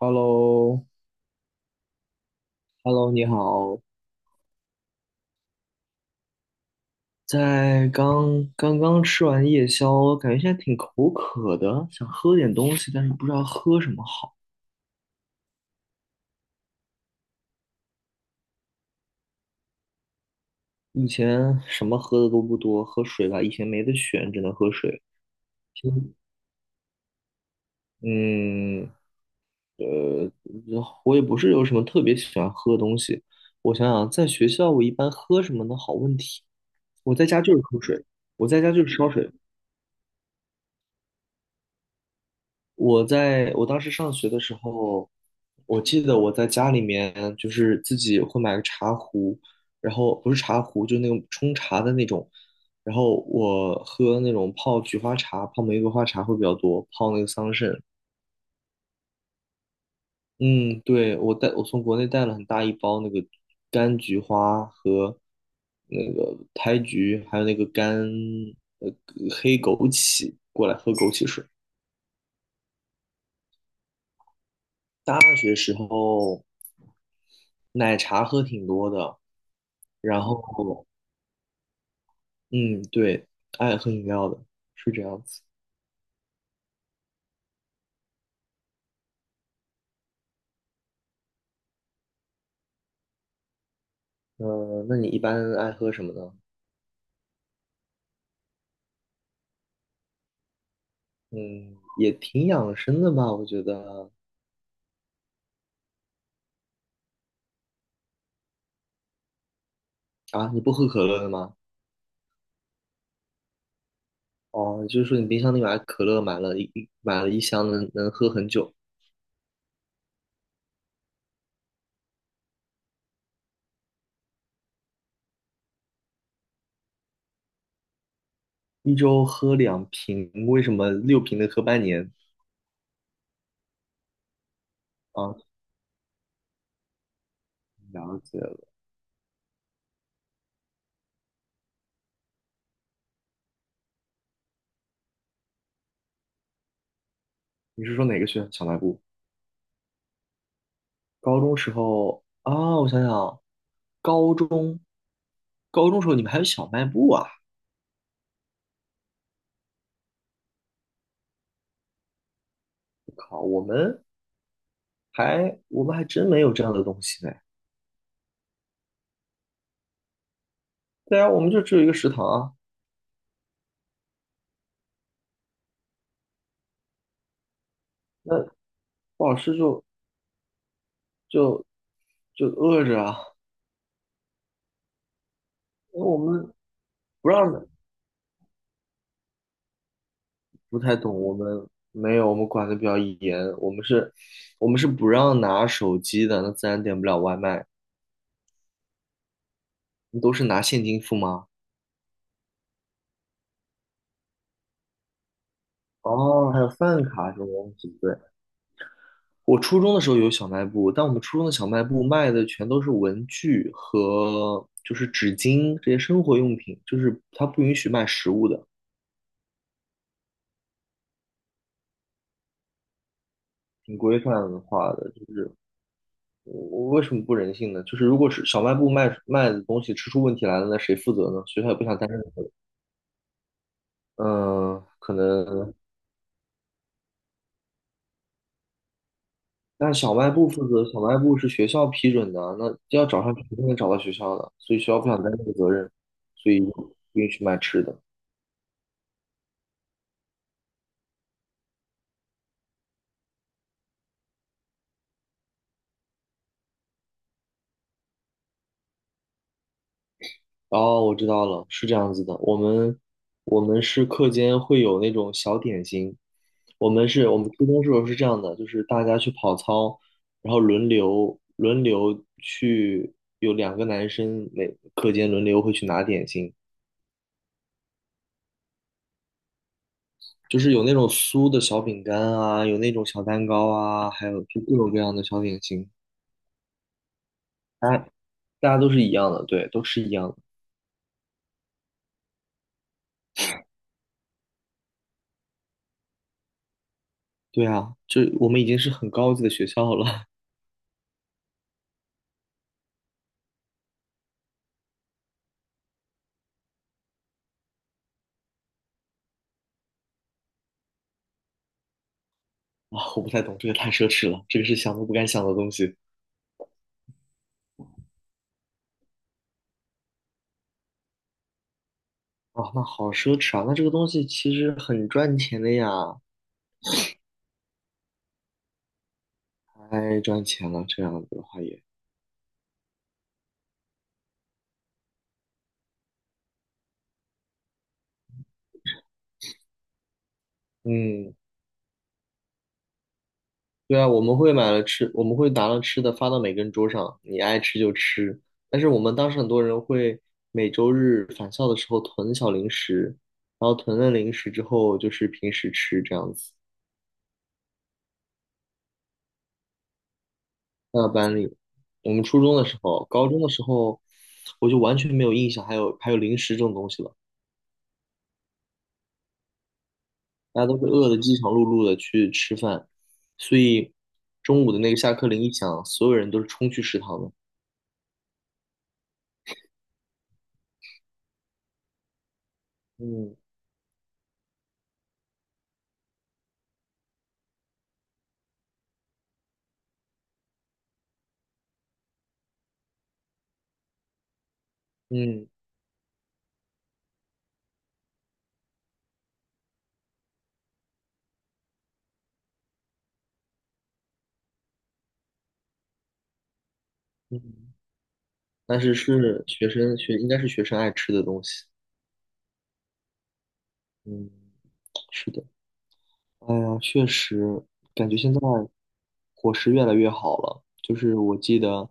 Hello，Hello，你好，在刚刚吃完夜宵，感觉现在挺口渴的，想喝点东西，但是不知道喝什么好。以前什么喝的都不多，喝水吧，以前没得选，只能喝水。现嗯，呃，我也不是有什么特别喜欢喝的东西。我想想，在学校我一般喝什么呢？好问题。我在家就是喝水，我在家就是烧水。我当时上学的时候，我记得我在家里面就是自己会买个茶壶，然后不是茶壶，就那种冲茶的那种，然后我喝那种泡菊花茶、泡玫瑰花茶会比较多，泡那个桑葚。嗯，对，我从国内带了很大一包那个柑菊花和那个胎菊，还有那个干呃黑枸杞过来喝枸杞水。大学时候奶茶喝挺多的，然后，嗯，对，爱喝饮料的，是这样子。那你一般爱喝什么呢？嗯，也挺养生的吧，我觉得。啊，你不喝可乐的吗？哦，就是说你冰箱里买可乐，买了一箱能，能喝很久，一周喝两瓶，为什么六瓶能喝半年？啊，了解了。你是说哪个学校小卖部？高中时候啊，我想想啊，高中，高中时候你们还有小卖部啊？靠，我们。我们还真没有这样的东西呢。对啊，我们就只有一个食堂啊，那不好吃就就饿着啊。因为我们不让的不太懂，我们没有，我们管的比较严，我们是不让拿手机的，那自然点不了外卖，你都是拿现金付吗？哦，还有饭卡这种东西，对。我初中的时候有小卖部，但我们初中的小卖部卖的全都是文具和就是纸巾这些生活用品，就是它不允许卖食物的。挺规范化的，就是我我为什么不人性呢？就是如果是小卖部卖的东西吃出问题来了，那谁负责呢？学校也不想担任责任。嗯，可能，但小卖部负责，小卖部是学校批准的啊，那要找上去肯定能找到学校的，所以学校不想担这个责任，所以不允许卖吃的。哦，我知道了，是这样子的。我们是课间会有那种小点心。我们初中时候是这样的，就是大家去跑操，然后轮流去，有两个男生每课间轮流会去拿点心，就是有那种酥的小饼干啊，有那种小蛋糕啊，还有就各种各样的小点心。大家大家都是一样的，对，都是一样的。对啊，这我们已经是很高级的学校了。啊，我不太懂，这个太奢侈了，这个是想都不敢想的东西。啊，那好奢侈啊，那这个东西其实很赚钱的呀，太赚钱了，这样子的话也，嗯，对啊，我们会买了吃，我们会拿了吃的发到每个人桌上，你爱吃就吃，但是我们当时很多人会每周日返校的时候囤小零食，然后囤了零食之后就是平时吃这样子，带到班里。我们初中的时候，高中的时候，我就完全没有印象还有还有零食这种东西了。大家都是饿的饥肠辘辘的去吃饭，所以中午的那个下课铃一响，所有人都是冲去食堂的。嗯嗯嗯，但是是学生学应该是学生爱吃的东西。嗯，是的。哎呀，确实感觉现在伙食越来越好了。就是我记得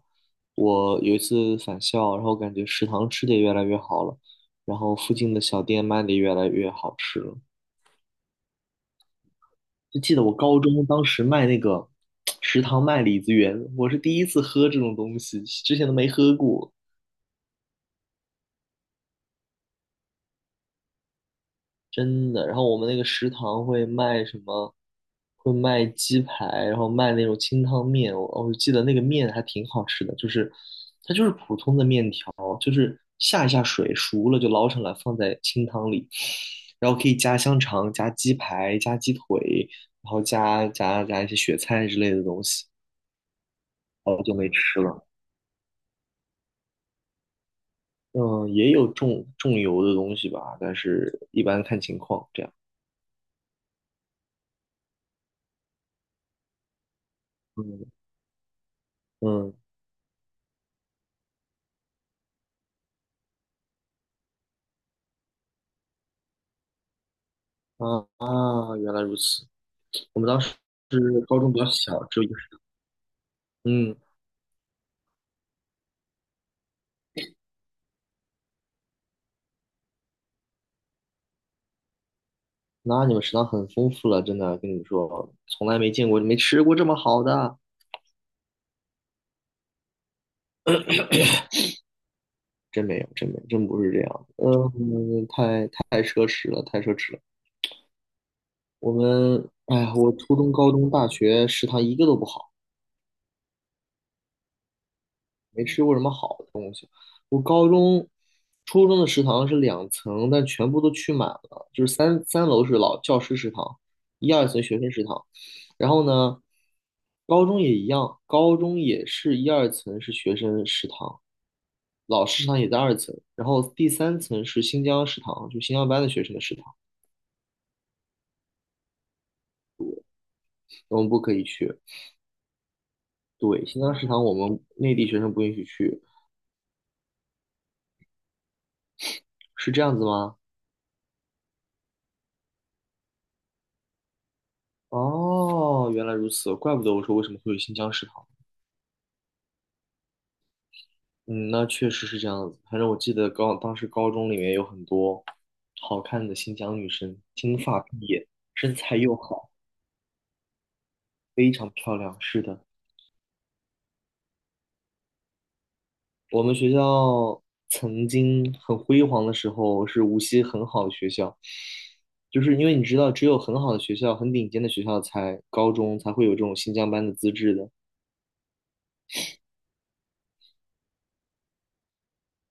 我有一次返校，然后感觉食堂吃的也越来越好了，然后附近的小店卖的也越来越好吃了。就记得我高中当时卖那个食堂卖李子园，我是第一次喝这种东西，之前都没喝过，真的。然后我们那个食堂会卖什么？会卖鸡排，然后卖那种清汤面。我记得那个面还挺好吃的，就是它就是普通的面条，就是下一下水熟了就捞上来放在清汤里，然后可以加香肠、加鸡排、加鸡腿，然后加一些雪菜之类的东西。好久没吃了。嗯，也有重油的东西吧，但是一般看情况这样。嗯嗯啊啊，原来如此。我们当时是高中比较小，只有一个。嗯，那你们食堂很丰富了，真的跟你们说，从来没见过，没吃过这么好的，真没有，真没有，真不是这样。嗯，太奢侈了，太奢侈了。我们，哎呀，我初中、高中、大学食堂一个都不好，没吃过什么好。我高中、初中的食堂是两层，但全部都去满了，就是三楼是老教师食堂，一二层学生食堂。然后呢，高中也一样，高中也是一二层是学生食堂，老师食堂也在二层，然后第三层是新疆食堂，就新疆班的学生的食堂，我们不可以去。对，新疆食堂我们内地学生不允许去，是这样子吗？哦，原来如此，怪不得我说为什么会有新疆食堂。嗯，那确实是这样子。反正我记得高当时高中里面有很多好看的新疆女生，金发碧眼，身材又好，非常漂亮。是的，我们学校曾经很辉煌的时候，是无锡很好的学校，就是因为你知道，只有很好的学校、很顶尖的学校才高中才会有这种新疆班的资质的。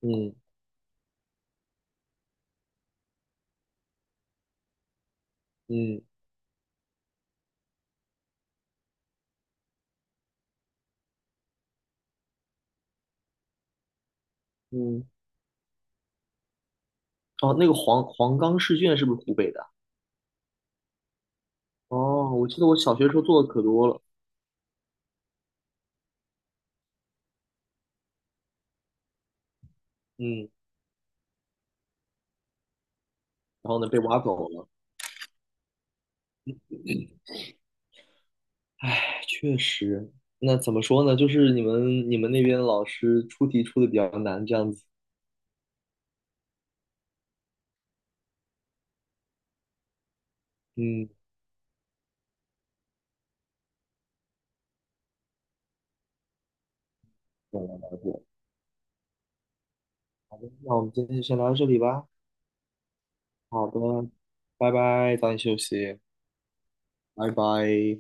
嗯嗯嗯。哦，那个黄冈试卷是不是湖北的啊？哦，我记得我小学时候做的可多了。嗯。然后呢被挖走了。唉，确实，那怎么说呢？就是你们那边老师出题出的比较难，这样子。嗯，了解。那我们今天就先聊到这里吧。好的，拜拜，早点休息，拜拜。